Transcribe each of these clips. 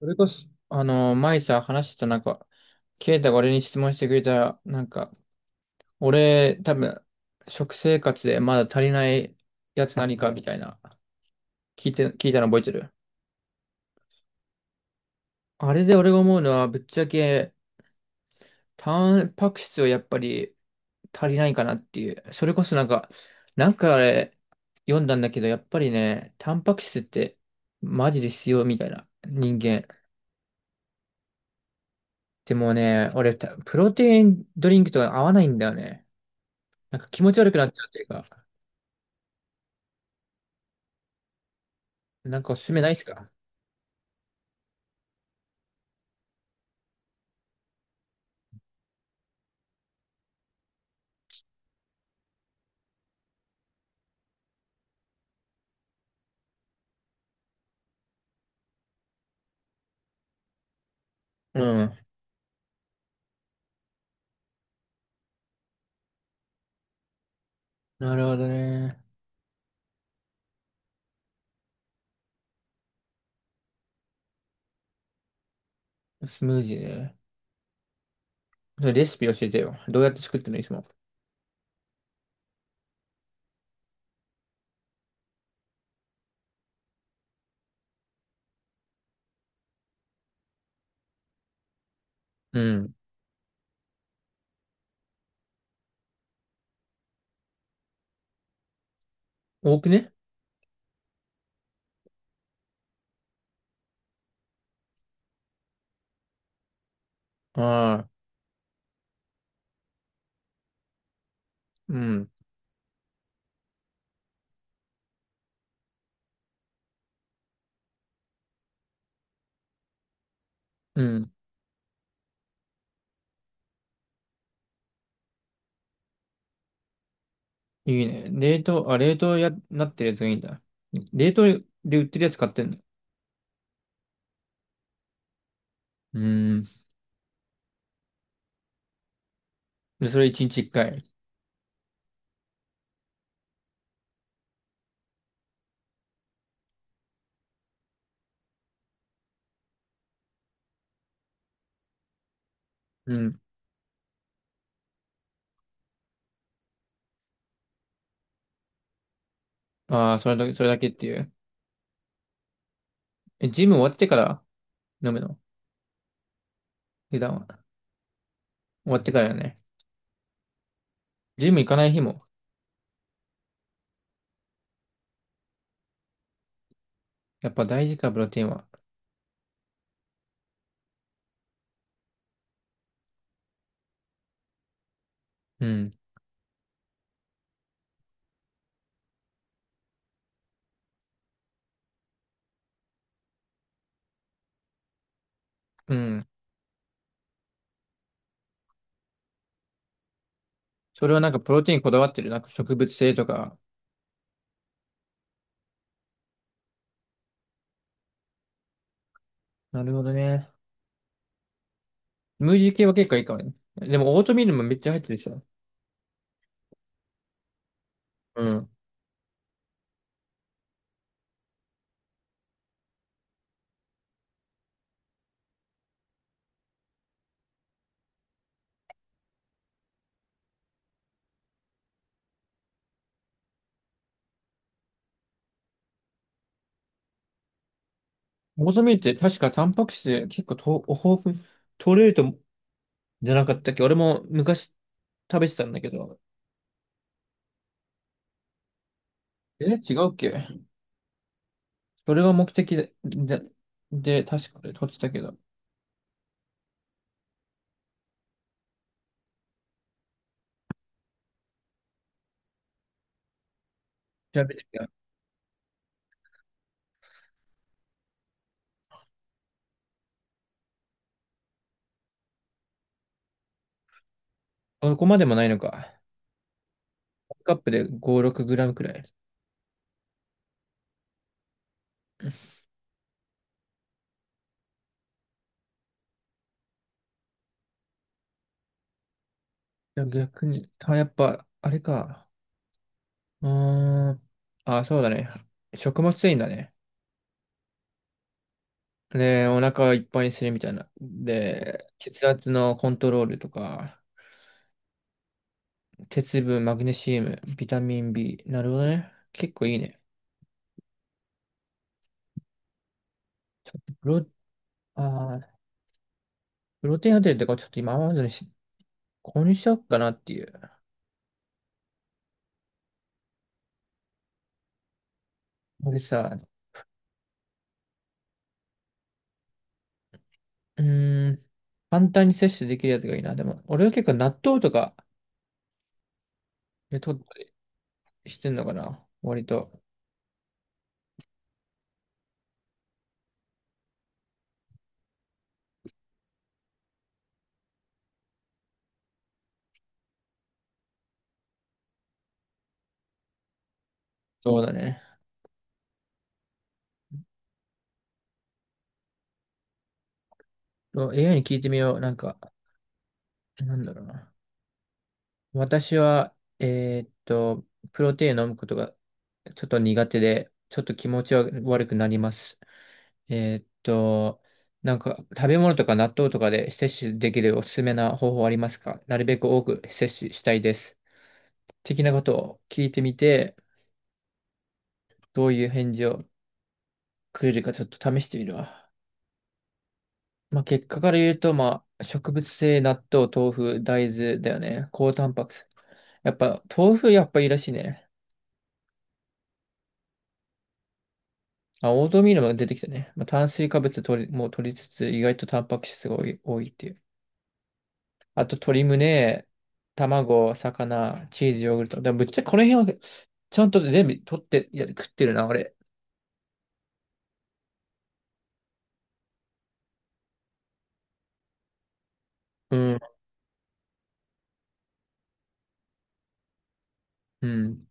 それこそ、前さ、話してたなんか、ケイタが俺に質問してくれた、なんか、俺、多分、食生活でまだ足りないやつ何かみたいな、聞いたの覚えてる。あれで俺が思うのは、ぶっちゃけ、タンパク質はやっぱり足りないかなっていう。それこそなんかあれ、読んだんだけど、やっぱりね、タンパク質って、マジで必要みたいな、人間。でもね、プロテインドリンクとか合わないんだよね。なんか気持ち悪くなっちゃうというか、なんかおすすめないですか？うん。なるほどね。スムージーね。それレシピ教えてよ。どうやって作ってるのいつも？うん。多くね？ああ、うん。うん。いいね。冷凍、あ、冷凍や、なってるやつがいいんだ。冷凍で売ってるやつ買ってんの？うん。で、それ一日一回？うん。ああ、それだけ、それだけっていう。え、ジム終わってから飲むの普段は？終わってからよね。ジム行かない日も。やっぱ大事か、プロテインは。うん。うん。それはなんかプロテインこだわってる？なんか植物性とか。なるほどね。ムーディー系は結構いいかもね。でもオートミールもめっちゃ入ってるでしょ。うん。オートミールって確かタンパク質結構と豊富、取れると、じゃなかったっけ、俺も昔食べてたんだけど。え、違うっけ？それが目的で、確かで取ってたけど。調べてみよう。そこまでもないのか。カップで5、6グラムくらい。いや逆に、やっぱ、あれか。うーん。あ、そうだね。食物繊維だね。で、お腹いっぱいにするみたいな。で、血圧のコントロールとか、鉄分、マグネシウム、ビタミン B。なるほどね。結構いいね。ちょっとあープロテインホテルとかちょっと今までにし購入しようかなっていう。俺さ、うーん、簡単に摂取できるやつがいいな。でも、俺は結構納豆とかで取ったりしてんのかな。割と。そうだね。そう AI に聞いてみよう。なんか、なんだろうな。私は、プロテイン飲むことがちょっと苦手で、ちょっと気持ちは悪くなります。えーっと、なんか食べ物とか納豆とかで摂取できるおすすめな方法ありますか？なるべく多く摂取したいです。的なことを聞いてみて、どういう返事をくれるかちょっと試してみるわ。まあ、結果から言うと、まあ、植物性納豆、豆腐、大豆だよね。高タンパク質。やっぱ、豆腐やっぱいいらしいね。あ、オートミールも出てきたね。まあ、炭水化物もう取りつつ、意外とタンパク質が多い、多いっていう。あと鶏胸、卵、魚、チーズ、ヨーグルト。でもぶっちゃけこの辺はちゃんと全部取って、いや、食ってるな、俺。うん。うん。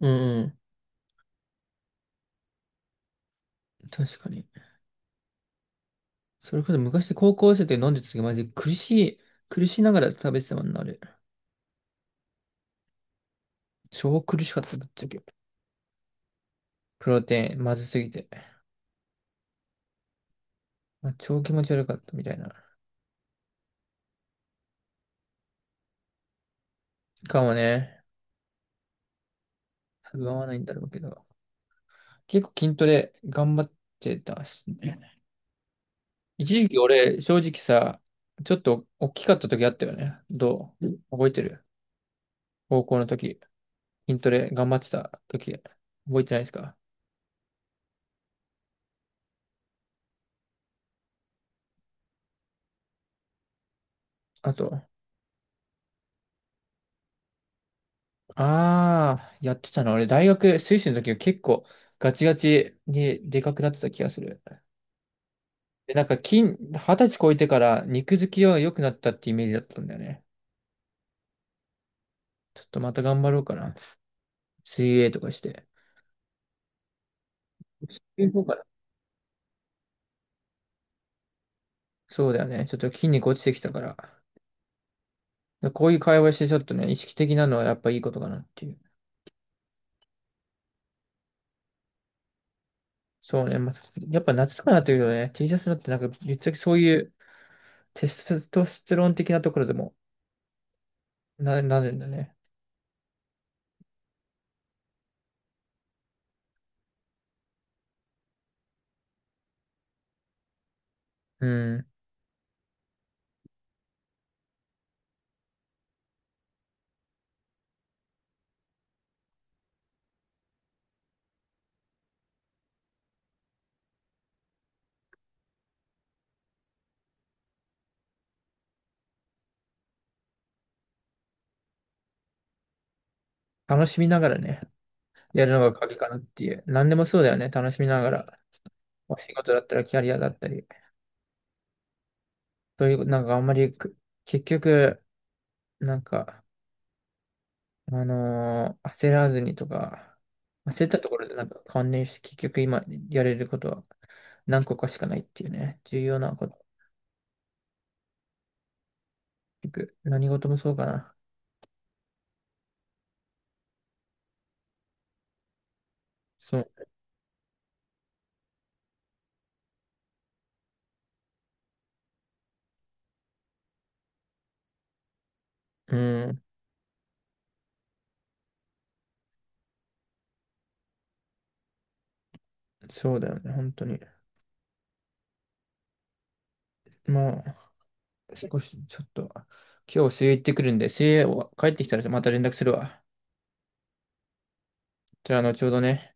うんうん。確かに。それこそ昔高校生で飲んでた時マジで苦しながら食べてたもんな、あれ。超苦しかった、ぶっちゃけ。プロテイン、まずすぎて。まあ、超気持ち悪かったみたいな。かもね。合わないんだろうけど。結構筋トレ頑張ってたし。一時期俺、正直さ、ちょっと大きかった時あったよね。どう覚えてる？高校の時、筋トレ頑張ってた時、覚えてないですか？あと、やってたの。俺、大学、水星の時は結構ガチガチにでかくなってた気がする。で、なんか二十歳超えてから肉付きは良くなったってイメージだったんだよね。ちょっとまた頑張ろうかな。水泳とかして。水泳の方かな？そうだよね。ちょっと筋肉落ちてきたから。で、こういう会話してちょっとね、意識的なのはやっぱいいことかなっていう。そうね、まあ、やっぱ夏とかになってくるとね、T シャツだってなんか、ぶっちゃけそういうテストステロン的なところでもなるんだね。うん。楽しみながらね、やるのが鍵かなっていう。何でもそうだよね、楽しみながら。お仕事だったらキャリアだったり。そういう、なんかあんまりく、結局、なんか、焦らずにとか、焦ったところでなんか関連して結局今やれることは何個かしかないっていうね、重要なこと。結局何事もそうかな。そう、うん、そうだよね、本当に。もう少しちょっと、今日水泳行ってくるんで、水泳を帰ってきたらまた連絡するわ。じゃあ後ほどね。